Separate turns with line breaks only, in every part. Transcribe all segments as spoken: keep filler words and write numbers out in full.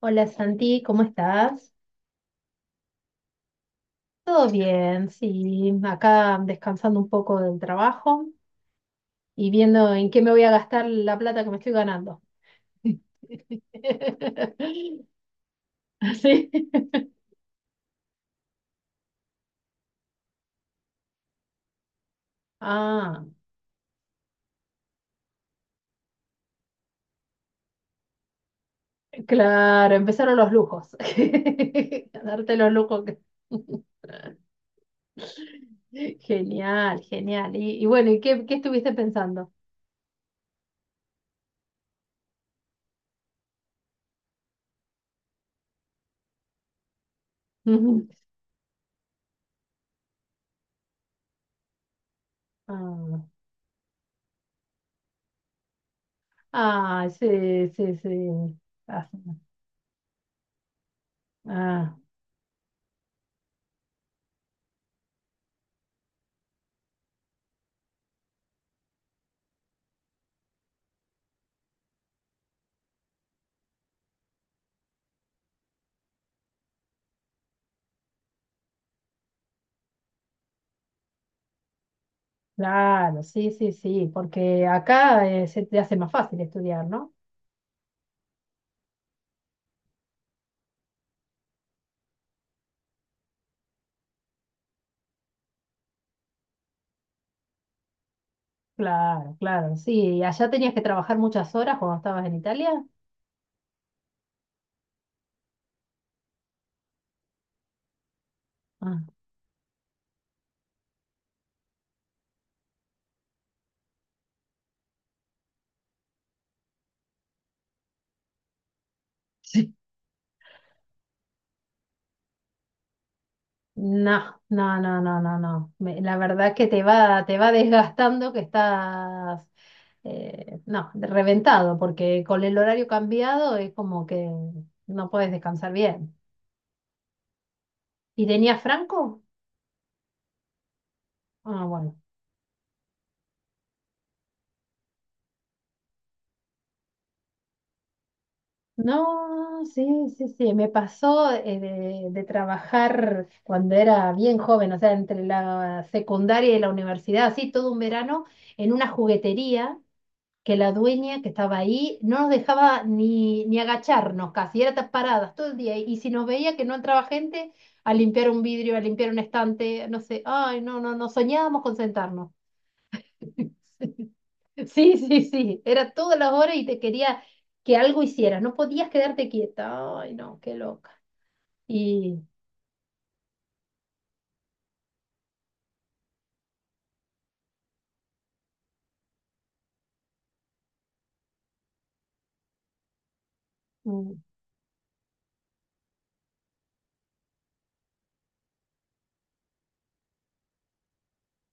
Hola Santi, ¿cómo estás? Todo bien, sí, acá descansando un poco del trabajo y viendo en qué me voy a gastar la plata que me estoy ganando. ¿Sí? Ah, claro, empezaron los lujos. A darte los lujos. que- Genial, genial. Y, y bueno, ¿y qué, qué estuviste pensando? Ujú. Ah, ah, sí, sí, sí. Ah, ah. Claro, sí, sí, sí, porque acá eh, se te hace más fácil estudiar, ¿no? Claro, claro, sí. ¿Y allá tenías que trabajar muchas horas cuando estabas en Italia? Ah, sí. No, no, no, no, no, no. Me- la verdad que te va, te va desgastando que estás, eh, no, reventado, porque con el horario cambiado es como que no puedes descansar bien. ¿Y tenías franco? Ah, bueno. No, sí, sí, sí, me pasó eh, de, de trabajar cuando era bien joven, o sea, entre la secundaria y la universidad, así todo un verano, en una juguetería que la dueña que estaba ahí no nos dejaba ni, ni agacharnos casi, era ta- paradas todo el día, y y si nos veía que no entraba gente, a limpiar un vidrio, a limpiar un estante, no sé, ay, no, no, no soñábamos con sentarnos. Sí, sí, sí. Era todas las horas y te quería que algo hicieras. No podías quedarte quieta. Ay, no, qué loca. Y mm,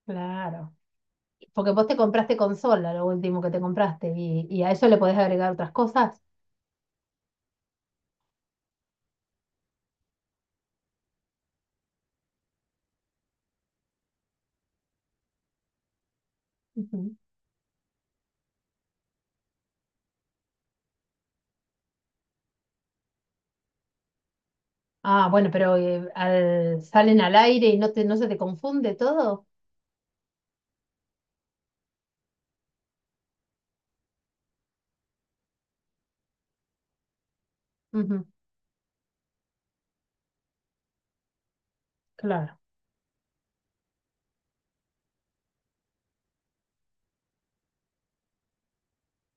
claro. Porque vos te compraste consola, lo último que te compraste, y, y a eso le podés agregar otras cosas. Ujú. Ah, bueno, pero eh, al- salen al aire y no te, no se te confunde todo. Ujú, claro.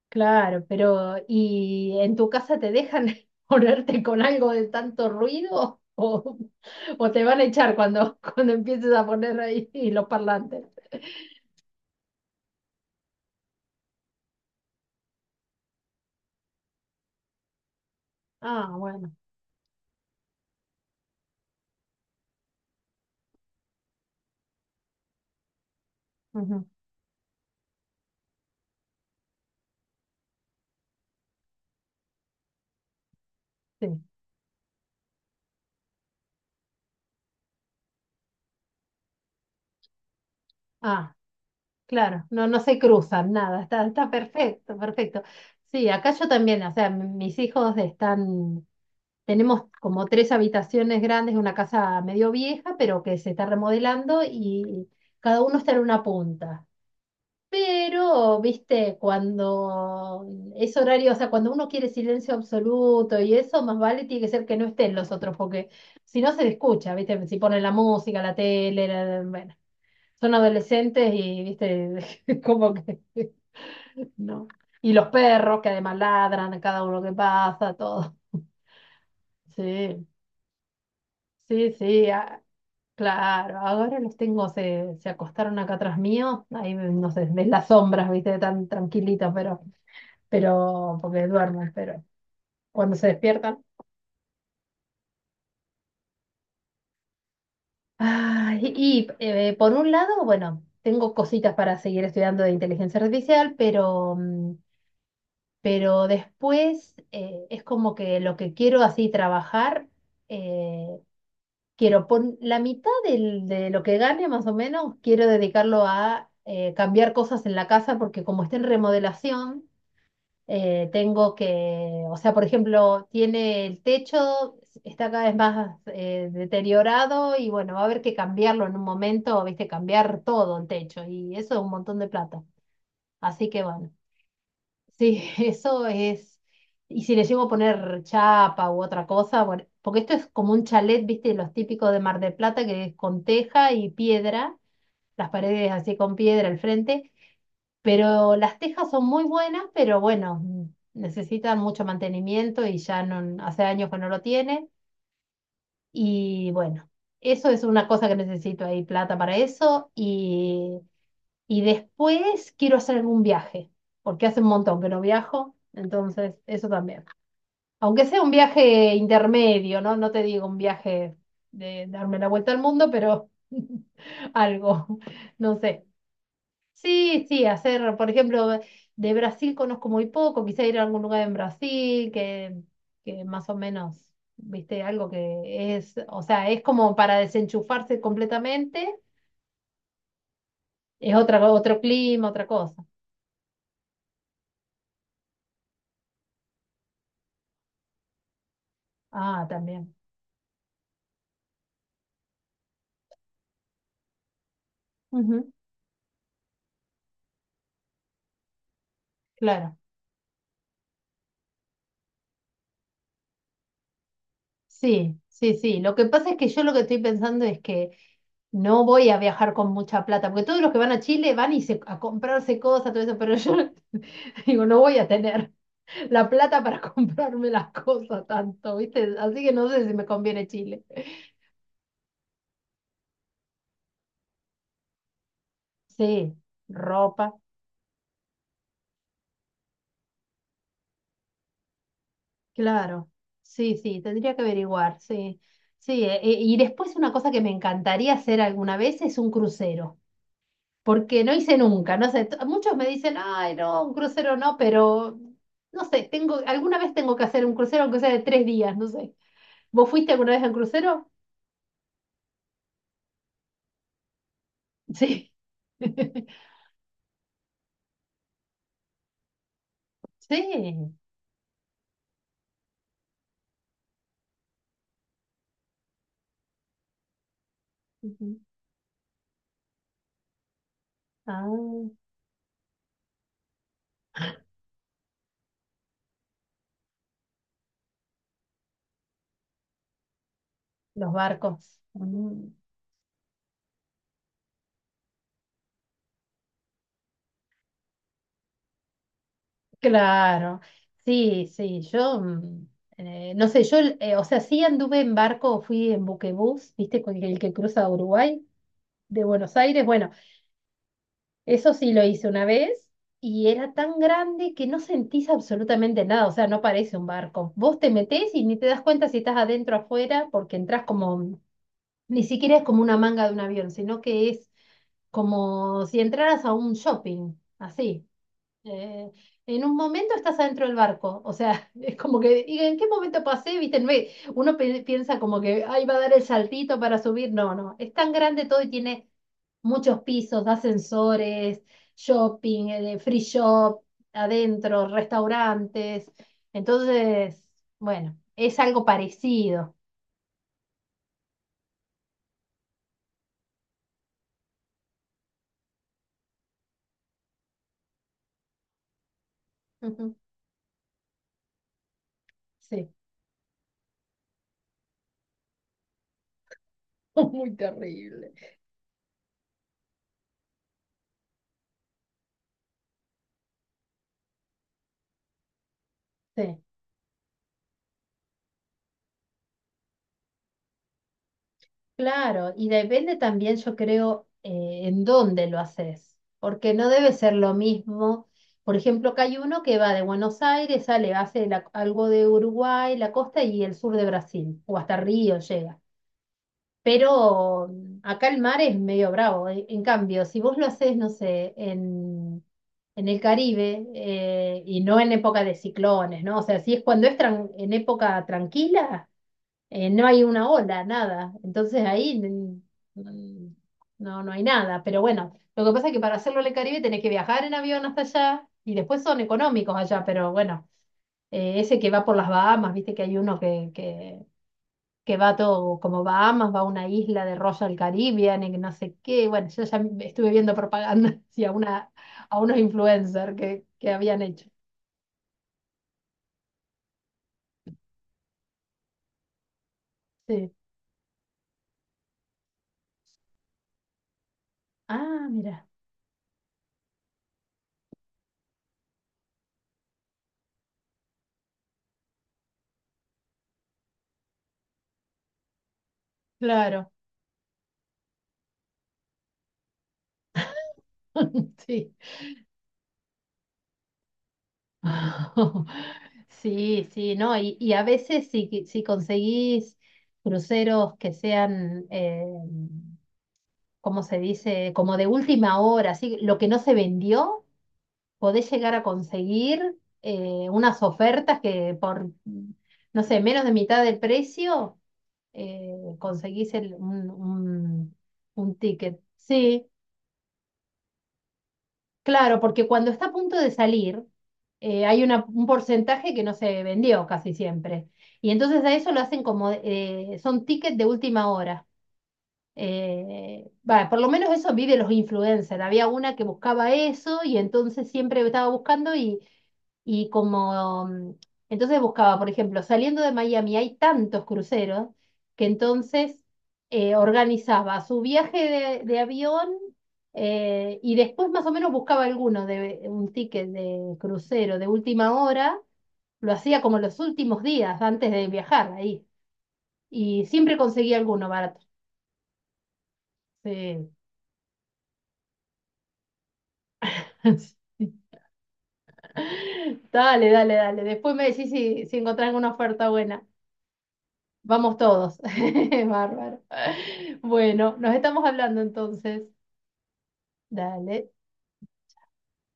Claro, pero ¿y en tu casa te dejan ponerte con algo de tanto ruido o, o te van a echar cuando, cuando empieces a poner ahí los parlantes? Ah, bueno. Ujú, sí. Ah, claro. No, no se cruzan, nada. Está, está perfecto, perfecto. Sí, acá yo también, o sea, m- mis hijos están, tenemos como tres habitaciones grandes, una casa medio vieja, pero que se está remodelando y cada uno está en una punta. Pero, viste, cuando es horario, o sea, cuando uno quiere silencio absoluto y eso, más vale tiene que ser que no estén los otros, porque si no se le escucha, viste, si ponen la música, la tele, la- bueno, son adolescentes y, viste, como que no. Y los perros que además ladran a cada uno que pasa, todo. Sí, sí, sí, ah, claro. Ahora los tengo, se, se acostaron acá atrás mío, ahí, no sé, ves las sombras, viste, tan tranquilitos, pero... pero porque duermen, pero cuando se despiertan. Ay, y eh, por un lado, bueno, tengo cositas para seguir estudiando de inteligencia artificial, pero, mm, pero después eh, es como que lo que quiero así trabajar, eh, quiero pon la mitad del- de lo que gane más o menos, quiero dedicarlo a eh, cambiar cosas en la casa porque como está en remodelación eh, tengo que, o sea, por ejemplo, tiene el techo, está cada vez más eh, deteriorado y bueno, va a haber que cambiarlo en un momento, viste, cambiar todo el techo y eso es un montón de plata. Así que bueno, sí, eso es. Y si le llego a poner chapa u otra cosa, bueno, porque esto es como un chalet, viste, los típicos de Mar del Plata, que es con teja y piedra, las paredes así con piedra al frente, pero las tejas son muy buenas, pero bueno, mm, necesitan mucho mantenimiento y ya no, hace años que no lo tiene. Y bueno, eso es una cosa que necesito ahí, plata para eso. Y, y después quiero hacer algún viaje, porque hace un montón que no viajo, entonces eso también. Aunque sea un viaje intermedio, ¿no? No te digo un viaje de darme la vuelta al mundo, pero algo, no sé. Sí, sí, hacer, por ejemplo, de Brasil conozco muy poco, quizá ir a algún lugar en Brasil que, que más o menos, viste, algo que es, o sea, es como para desenchufarse completamente, es otra, otro clima, otra cosa. Ah, también. Ujú, claro. Sí, sí, sí. Lo que pasa es que yo lo que estoy pensando es que no voy a viajar con mucha plata, porque todos los que van a Chile van y se, a comprarse cosas, todo eso, pero yo digo, no voy a tener la plata para comprarme las cosas tanto, ¿viste? Así que no sé si me conviene Chile. Sí, ropa, claro. Sí, sí, tendría que averiguar, sí. Sí, eh, eh, y después una cosa que me encantaría hacer alguna vez es un crucero, porque no hice nunca, no sé, t- muchos me dicen, ay, no, un crucero no, pero no sé, tengo, alguna vez tengo que hacer un crucero, aunque sea de tres días, no sé. ¿Vos fuiste alguna vez a un crucero? Sí. Sí. Ujú. Ah. Los barcos. Mm. Claro, sí, sí, yo, mm, eh, no sé, yo, eh, o sea, sí anduve en barco, fui en buquebús, viste, con el que cruza Uruguay, de Buenos Aires, bueno, eso sí lo hice una vez y era tan grande que no sentís absolutamente nada, o sea, no parece un barco. Vos te metés y ni te das cuenta si estás adentro o afuera porque entras como, ni siquiera es como una manga de un avión, sino que es como si entraras a un shopping, así. Eh, en un momento estás adentro del barco, o sea, es como que, ¿y en qué momento pasé? ¿Viste? No es- Uno pi- piensa como que, ay, va a dar el saltito para subir. No, no, es tan grande todo y tiene muchos pisos, ascensores, shopping, eh, free shop, adentro, restaurantes. Entonces, bueno, es algo parecido. Ujú, sí. Muy terrible. Sí. Claro, y depende también, yo creo, eh, en dónde lo haces, porque no debe ser lo mismo. Por ejemplo, acá hay uno que va de Buenos Aires, sale, hace la- algo de Uruguay, la costa y el sur de Brasil, o hasta Río llega. Pero mm, acá el mar es medio bravo. En, en cambio, si vos lo haces, no sé, en, en el Caribe, eh, y no en época de ciclones, ¿no? O sea, si es cuando es tran- en época tranquila eh, no hay una ola, nada. Entonces ahí mm, mm, no, no hay nada. Pero bueno, lo que pasa es que para hacerlo en el Caribe tenés que viajar en avión hasta allá y después son económicos allá, pero bueno, eh, ese que va por las Bahamas, viste que hay uno que, que, que va todo como Bahamas, va a una isla de Royal Caribbean y que no sé qué. Bueno, yo ya estuve viendo propaganda sí, a, una, a unos influencers que, que habían hecho. Sí. Ah, mira, claro. Sí. Sí, sí, no, y, y a veces si, si conseguís cruceros que sean, eh, ¿cómo se dice? Como de última hora, así, lo que no se vendió, podés llegar a conseguir eh, unas ofertas que por, no sé, menos de mitad del precio, eh, conseguís el- un, un, un ticket. Sí, claro, porque cuando está a punto de salir, eh, hay una- un porcentaje que no se vendió casi siempre. Y entonces a eso lo hacen como, eh, son tickets de última hora. Eh, va, por lo menos eso vive los influencers. Había una que buscaba eso y entonces siempre estaba buscando y, y como, mm, entonces buscaba, por ejemplo, saliendo de Miami hay tantos cruceros que entonces eh, organizaba su viaje de, de avión eh, y después más o menos buscaba alguno de un ticket de crucero de última hora, lo hacía como los últimos días antes de viajar ahí. Y siempre conseguía alguno barato. Sí. Dale, dale, dale. Después me decís si, si encontrás alguna oferta buena. Vamos todos. Bárbaro. Bueno, nos estamos hablando entonces. Dale.